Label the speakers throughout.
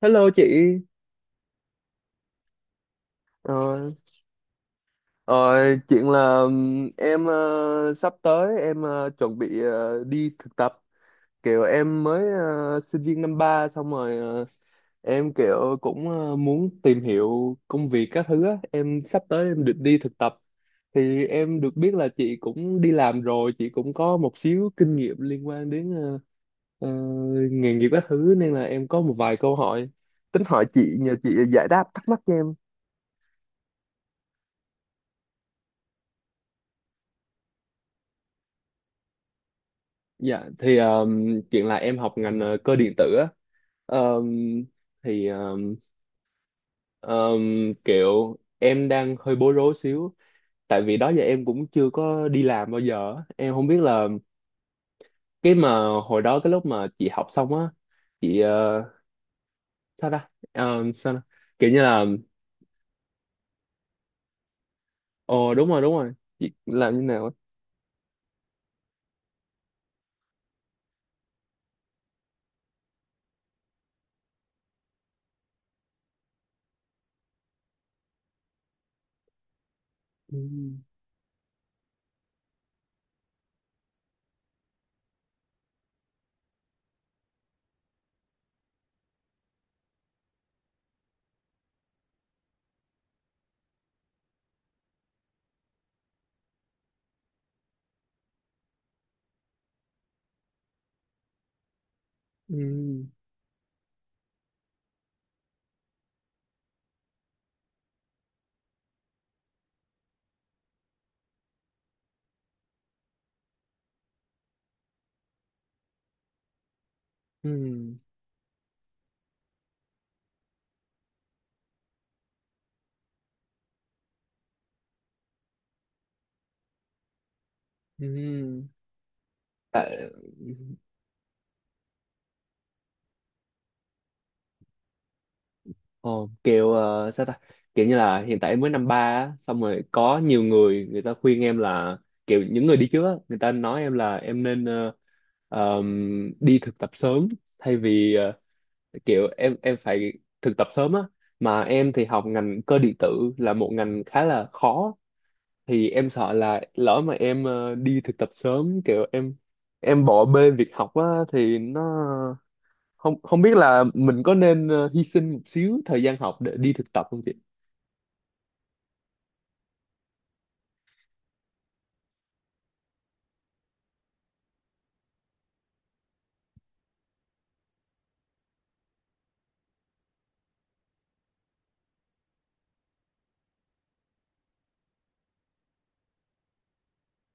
Speaker 1: Hello chị. ờ, ờ, Chuyện là em sắp tới em chuẩn bị đi thực tập, kiểu em mới sinh viên năm ba xong rồi, em kiểu cũng muốn tìm hiểu công việc các thứ á. Em sắp tới em định đi thực tập thì em được biết là chị cũng đi làm rồi, chị cũng có một xíu kinh nghiệm liên quan đến ờ, nghề nghiệp các thứ nên là em có một vài câu hỏi tính hỏi chị, nhờ chị giải đáp thắc mắc cho em. Dạ thì chuyện là em học ngành cơ điện tử á. Um, thì um, kiểu em đang hơi bối rối xíu, tại vì đó giờ em cũng chưa có đi làm bao giờ á. Em không biết là cái mà hồi đó, cái lúc mà chị học xong á, chị sao ta? Sao ta? Kiểu như là ồ đúng rồi đúng rồi, chị làm như nào á? Ừ. Ừ. Ừ. Ừ. Tại- Ồ, kiểu sao ta, kiểu như là hiện tại em mới năm ba á, xong rồi có nhiều người người ta khuyên em là kiểu những người đi trước á, người ta nói em là em nên đi thực tập sớm thay vì kiểu em phải thực tập sớm á, mà em thì học ngành cơ điện tử là một ngành khá là khó, thì em sợ là lỡ mà em đi thực tập sớm kiểu em bỏ bê việc học á, thì nó không không biết là mình có nên hy sinh một xíu thời gian học để đi thực tập không chị?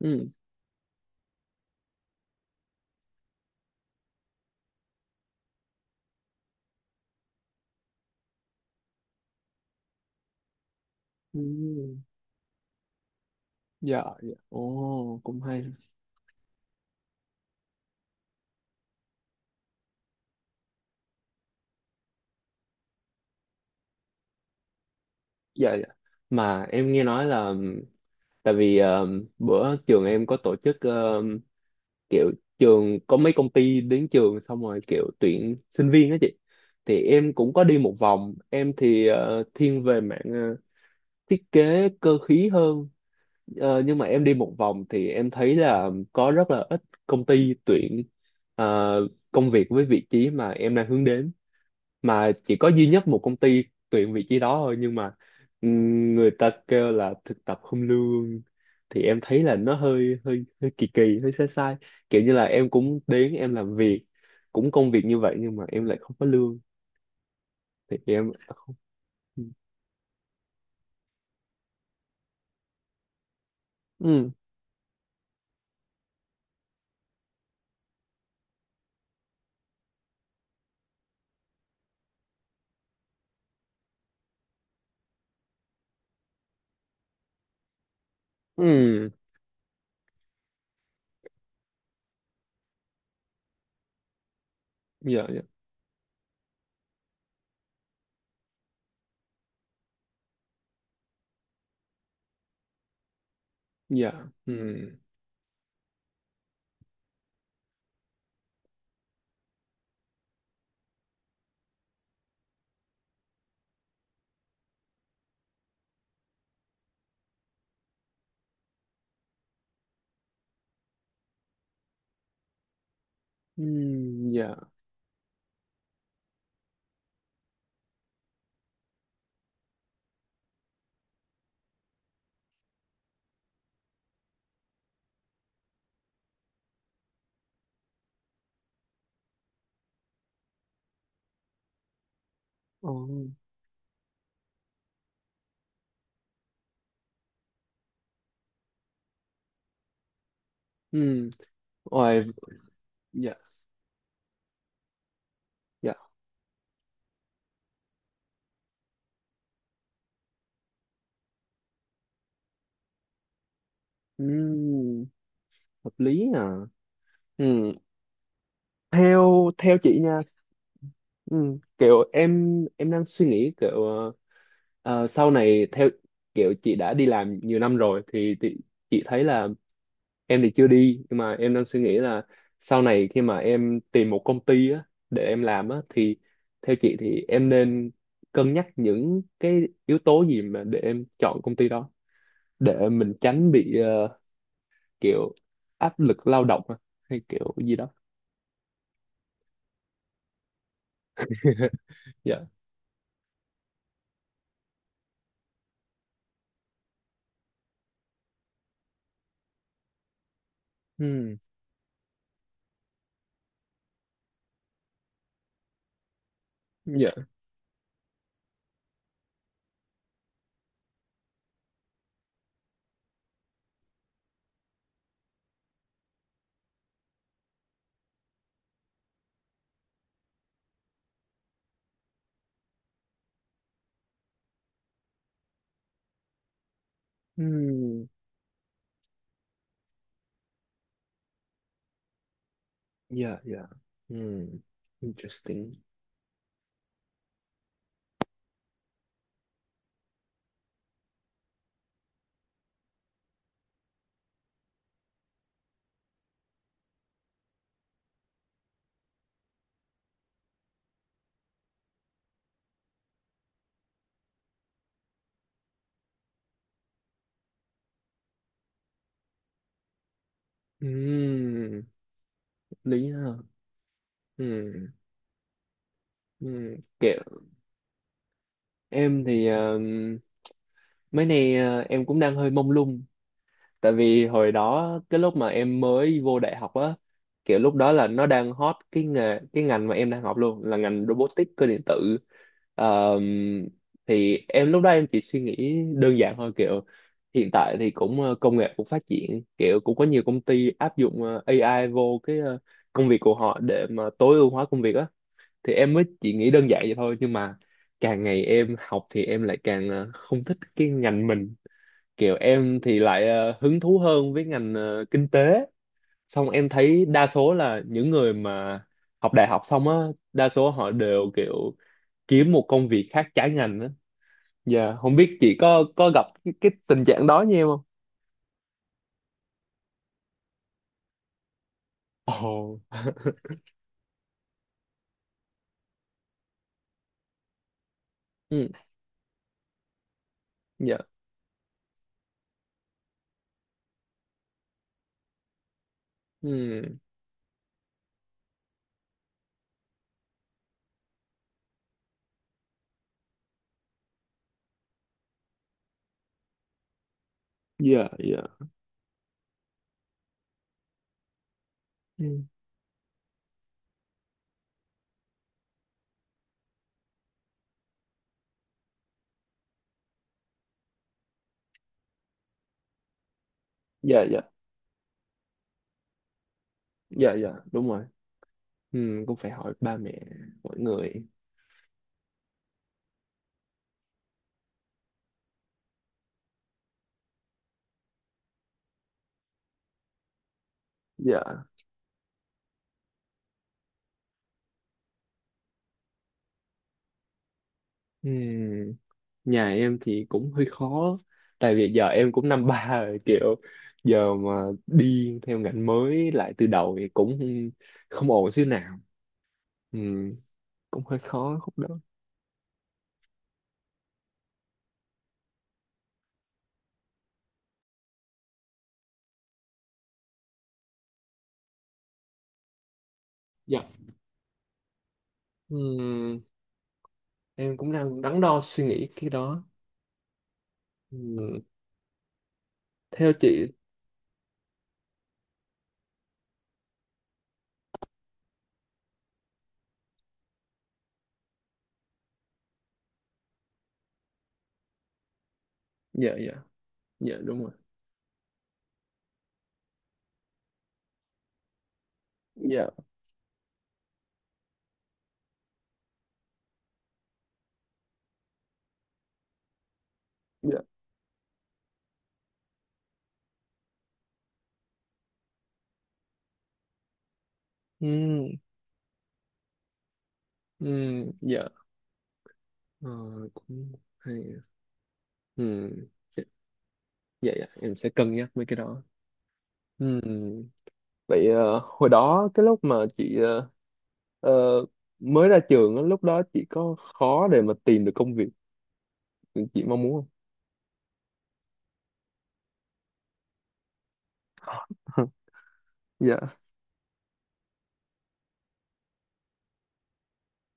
Speaker 1: Ừ. Ừ. Dạ, dạ, ồ cũng hay. Dạ, dạ, mà em nghe nói là tại vì bữa trường em có tổ chức kiểu trường có mấy công ty đến trường xong rồi kiểu tuyển sinh viên đó chị, thì em cũng có đi một vòng, em thì thiên về mạng thiết kế cơ khí hơn. Nhưng mà em đi một vòng thì em thấy là có rất là ít công ty tuyển ờ, công việc với vị trí mà em đang hướng đến, mà chỉ có duy nhất một công ty tuyển vị trí đó thôi nhưng mà người ta kêu là thực tập không lương, thì em thấy là nó hơi hơi hơi kỳ kỳ, hơi sai sai, kiểu như là em cũng đến em làm việc cũng công việc như vậy nhưng mà em lại không có lương thì em không. Ừ. Ừ. Ừ. Dạ, dạ, dạ. Ừ. Ừ. Dạ. Ồ. Ừ, rồi. Dạ, dạ, ừ, hợp lý à. Ừ, theo theo chị nha, ừ, kiểu em đang suy nghĩ kiểu sau này theo kiểu chị đã đi làm nhiều năm rồi thì chị thấy là em thì chưa đi nhưng mà em đang suy nghĩ là sau này khi mà em tìm một công ty á, để em làm á thì theo chị thì em nên cân nhắc những cái yếu tố gì mà để em chọn công ty đó, để mình tránh bị kiểu áp lực lao động à? Hay kiểu gì đó? Dạ. Hmm. Dạ. Hmm. Dạ, dạ. Hmm. Interesting. Hmm. Lý ha. Hmm. Hmm. Kiểu em thì mấy nay em cũng đang hơi mông lung, tại vì hồi đó cái lúc mà em mới vô đại học á, kiểu lúc đó là nó đang hot, cái nghề cái ngành mà em đang học luôn là ngành robotics cơ điện tử. Ờm, thì em lúc đó em chỉ suy nghĩ đơn giản thôi, kiểu hiện tại thì cũng công nghệ cũng phát triển, kiểu cũng có nhiều công ty áp dụng AI vô cái công việc của họ để mà tối ưu hóa công việc á, thì em mới chỉ nghĩ đơn giản vậy thôi nhưng mà càng ngày em học thì em lại càng không thích cái ngành mình, kiểu em thì lại hứng thú hơn với ngành kinh tế. Xong em thấy đa số là những người mà học đại học xong á, đa số họ đều kiểu kiếm một công việc khác trái ngành á. Dạ không biết chị có gặp cái tình trạng đó như em không? Ồ, ừ. Dạ. Ừ. Dạ, dạ, ừ. Dạ, dạ, dạ, dạ, đúng rồi. Ừ, cũng phải hỏi ba mẹ mọi người. Dạ. Ừ, nhà em thì cũng hơi khó tại vì giờ em cũng năm ba rồi, kiểu giờ mà đi theo ngành mới lại từ đầu thì cũng không ổn xíu nào. Ừ, cũng hơi khó khúc đó. Dạ. Ừm, em cũng đang đắn đo suy nghĩ cái đó. Ừm, Theo chị. Dạ, dạ, dạ đúng rồi. Dạ, dạ. Ừ. Ừ. Dạ. ờ, Cũng hay. Ừ. Dạ, dạ, dạ, em sẽ cân nhắc mấy cái đó. Ừ. Vậy hồi đó cái lúc mà chị Ờ, mới ra trường á, lúc đó chị có khó để mà tìm được công việc chị mong muốn không? Dạ.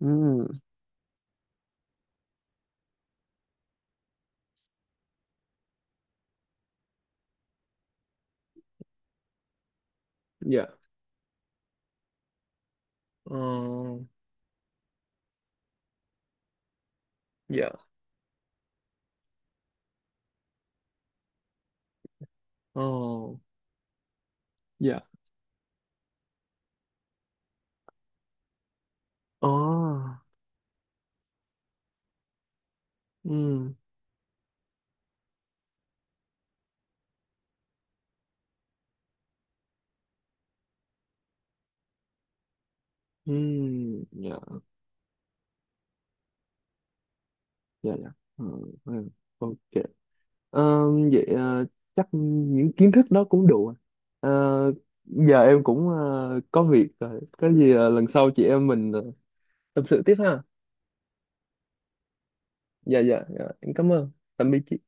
Speaker 1: Ừm. Dạ. Ờ. Dạ. Ờ. Dạ. Ờ. Ừm. Ừm. Dạ, dạ, dạ. Ờ. Ừm. Ok. Ờ. Vậy chắc những kiến thức đó cũng đủ rồi. Ờ, Giờ em cũng có việc rồi, có gì lần sau chị em mình tâm sự tiếp ha. Dạ, dạ, dạ em cảm ơn, tạm biệt chị.